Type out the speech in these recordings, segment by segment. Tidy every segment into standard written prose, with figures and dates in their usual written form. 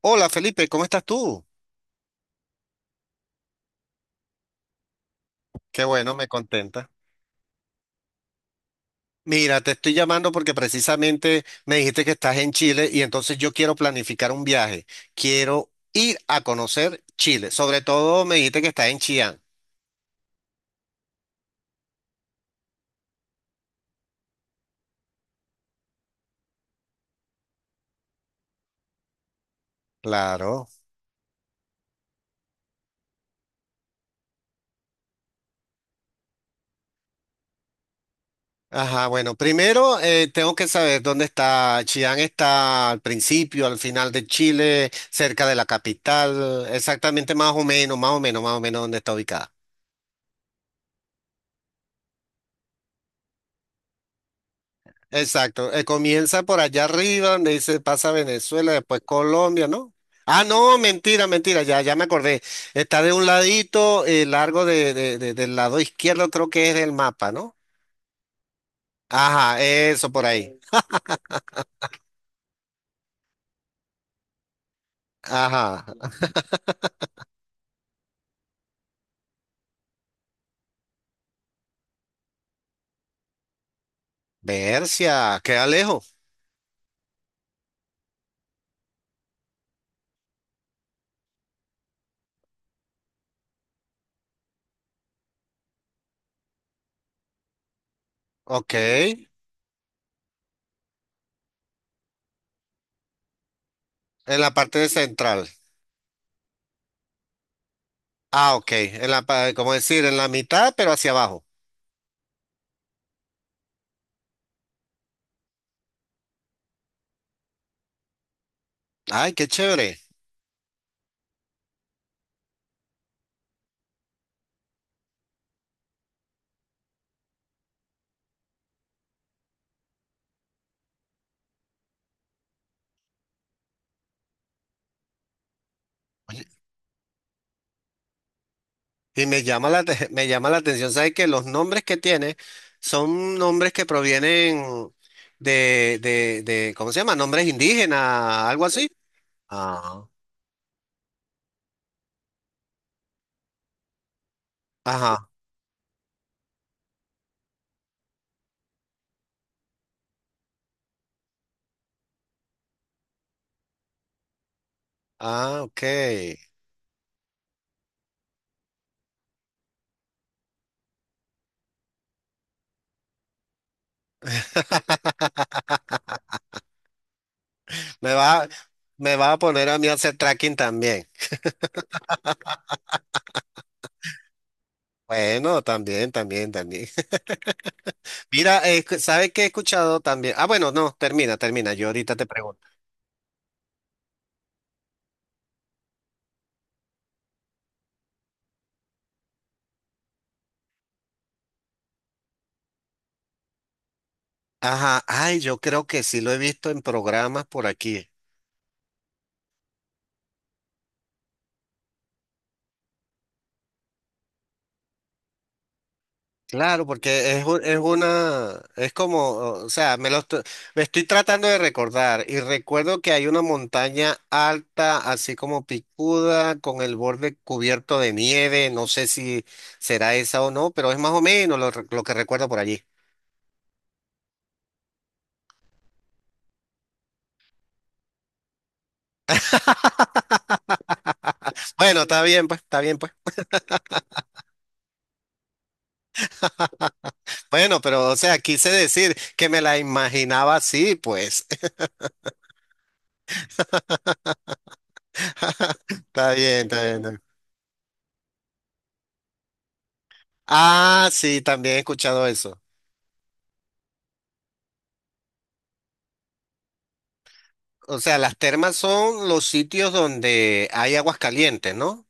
Hola Felipe, ¿cómo estás tú? Qué bueno, me contenta. Mira, te estoy llamando porque precisamente me dijiste que estás en Chile y entonces yo quiero planificar un viaje. Quiero ir a conocer Chile. Sobre todo me dijiste que estás en Chillán. Claro. Ajá, bueno, primero tengo que saber dónde está Chillán. ¿Está al principio, al final de Chile, cerca de la capital? Exactamente más o menos, dónde está ubicada. Exacto, comienza por allá arriba, donde dice pasa Venezuela, después Colombia, ¿no? Ah, no, mentira, ya me acordé. Está de un ladito, largo del lado izquierdo, creo que es el mapa, ¿no? Ajá, eso por ahí. Ajá. Bercia, queda lejos. Ok, en la parte de central. Ah, ok, en la, como decir, en la mitad, pero hacia abajo. Ay, qué chévere. Y me llama la, te- me llama la atención, ¿sabes? Que los nombres que tiene son nombres que provienen de, ¿cómo se llama? Nombres indígenas, algo así. Ah. Ajá. Ah, ok. Me va, me va a poner a mí a hacer tracking también. Bueno, también. Mira, ¿sabes qué he escuchado también? Ah, bueno, no, termina. Yo ahorita te pregunto. Ajá. Ay, yo creo que sí lo he visto en programas por aquí. Claro, porque es, es una, es como, o sea, me estoy tratando de recordar y recuerdo que hay una montaña alta, así como picuda, con el borde cubierto de nieve, no sé si será esa o no, pero es más o menos lo que recuerdo por allí. Bueno, está bien, pues, está bien, pues. Bueno, pero, o sea, quise decir que me la imaginaba así, pues. Está bien, está bien. Ah, sí, también he escuchado eso. O sea, las termas son los sitios donde hay aguas calientes, ¿no?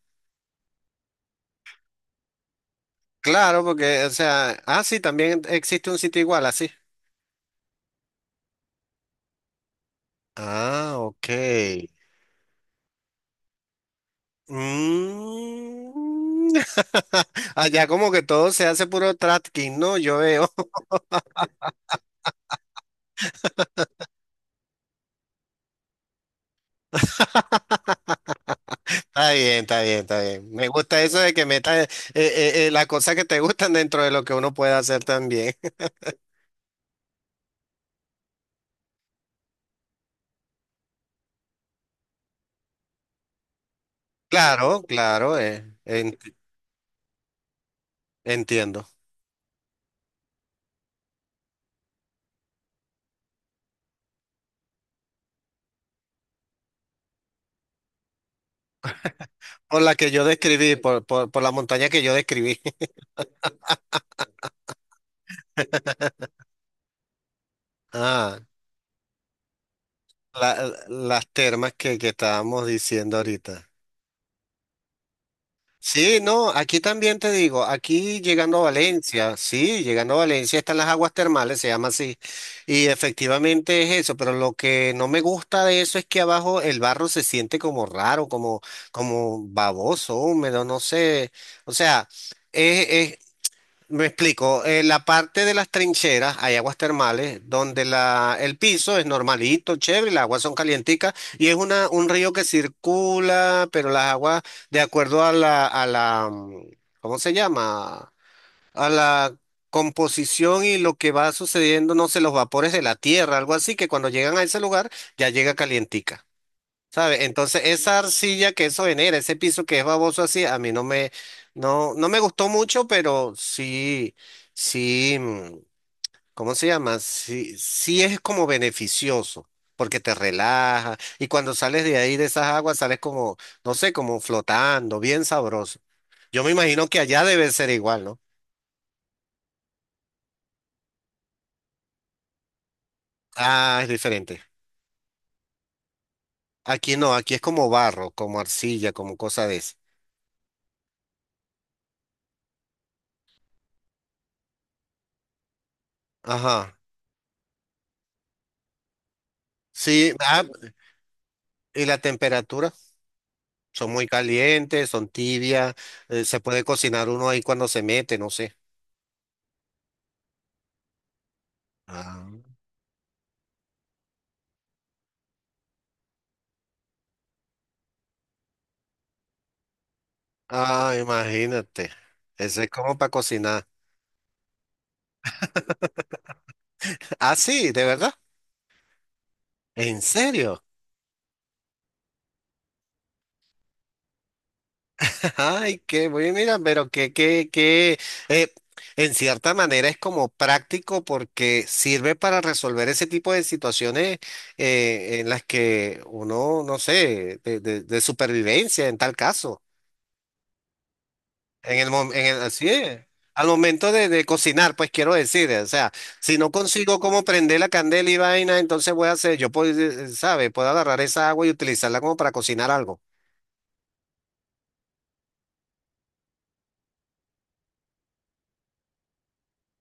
Claro, porque, o sea, ah, sí, también existe un sitio igual, así. Ah, ok. Mm. Allá como que todo se hace puro tracking, ¿no? Yo veo. Está bien, está bien. Me gusta eso de que metas las cosas que te gustan dentro de lo que uno puede hacer también. Claro, entiendo. Por la que yo describí, por la montaña que yo describí. Ah. la- las termas que estábamos diciendo ahorita. Sí, no, aquí también te digo, aquí llegando a Valencia, sí, llegando a Valencia están las aguas termales, se llama así, y efectivamente es eso, pero lo que no me gusta de eso es que abajo el barro se siente como raro, como, como baboso, húmedo, no sé, o sea, me explico, en la parte de las trincheras hay aguas termales donde la, el piso es normalito, chévere, las aguas son calienticas y es una, un río que circula, pero las aguas, de acuerdo ¿cómo se llama? A la composición y lo que va sucediendo, no sé, los vapores de la tierra, algo así, que cuando llegan a ese lugar ya llega calientica. ¿Sabe? Entonces, esa arcilla que eso genera, ese piso que es baboso así, a mí no me, no, no me gustó mucho, pero sí, sí, ¿cómo se llama? Sí, sí es como beneficioso, porque te relaja, y cuando sales de ahí, de esas aguas, sales como, no sé, como flotando, bien sabroso. Yo me imagino que allá debe ser igual, ¿no? Ah, es diferente. Aquí no, aquí es como barro, como arcilla, como cosa de esa. Ajá. Sí, ah, y la temperatura. Son muy calientes, son tibias, se puede cocinar uno ahí cuando se mete, no sé. Ah, Ah, imagínate. Ese es como para cocinar. Ah, sí, de verdad. ¿En serio? Ay, qué bueno, mira, pero eh, en cierta manera es como práctico porque sirve para resolver ese tipo de situaciones en las que uno, no sé, de supervivencia en tal caso. En el, mom- en el, sí, al momento de cocinar, pues quiero decir, o sea, si no consigo cómo prender la candela y vaina, entonces voy a hacer, yo puedo, ¿sabe? Puedo agarrar esa agua y utilizarla como para cocinar algo.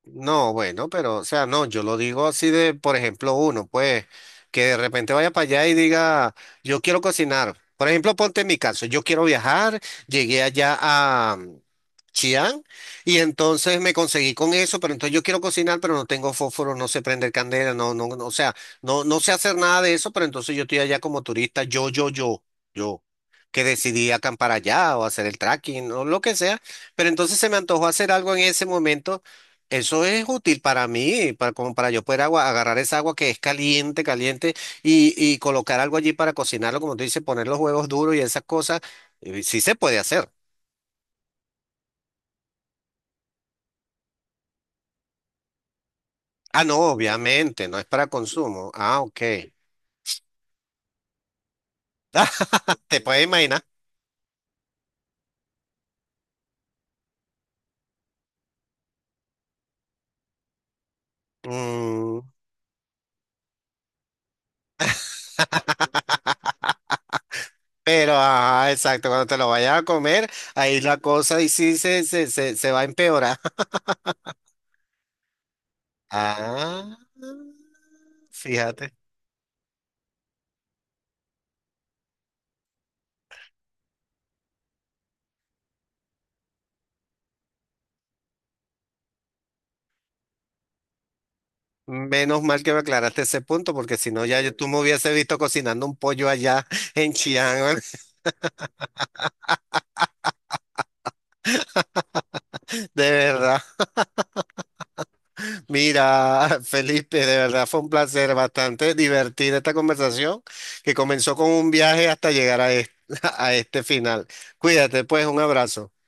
No, bueno, pero, o sea, no, yo lo digo así de, por ejemplo, uno, pues, que de repente vaya para allá y diga, yo quiero cocinar. Por ejemplo, ponte en mi caso, yo quiero viajar, llegué allá a Chiang y entonces me conseguí con eso, pero entonces yo quiero cocinar, pero no tengo fósforo, no sé prender candela, no, no, no, o sea, no, no sé hacer nada de eso, pero entonces yo estoy allá como turista, yo, que decidí acampar allá o hacer el trekking o lo que sea, pero entonces se me antojó hacer algo en ese momento eso es útil para mí, para, como para yo poder agarrar esa agua que es caliente, caliente, y colocar algo allí para cocinarlo, como tú dices, poner los huevos duros y esas cosas. Sí se puede hacer. Ah, no, obviamente, no es para consumo. Ah, ok. Ah, te puedes imaginar. Mm, pero, ajá, exacto, cuando te lo vayas a comer, ahí la cosa y sí se va a empeorar. Ah, fíjate. Menos mal que me aclaraste ese punto, porque si no, tú me hubiese visto cocinando un pollo allá en Chiang. De verdad. Mira, Felipe, de verdad fue un placer bastante divertida esta conversación que comenzó con un viaje hasta llegar a este, a este final. Cuídate, pues, un abrazo.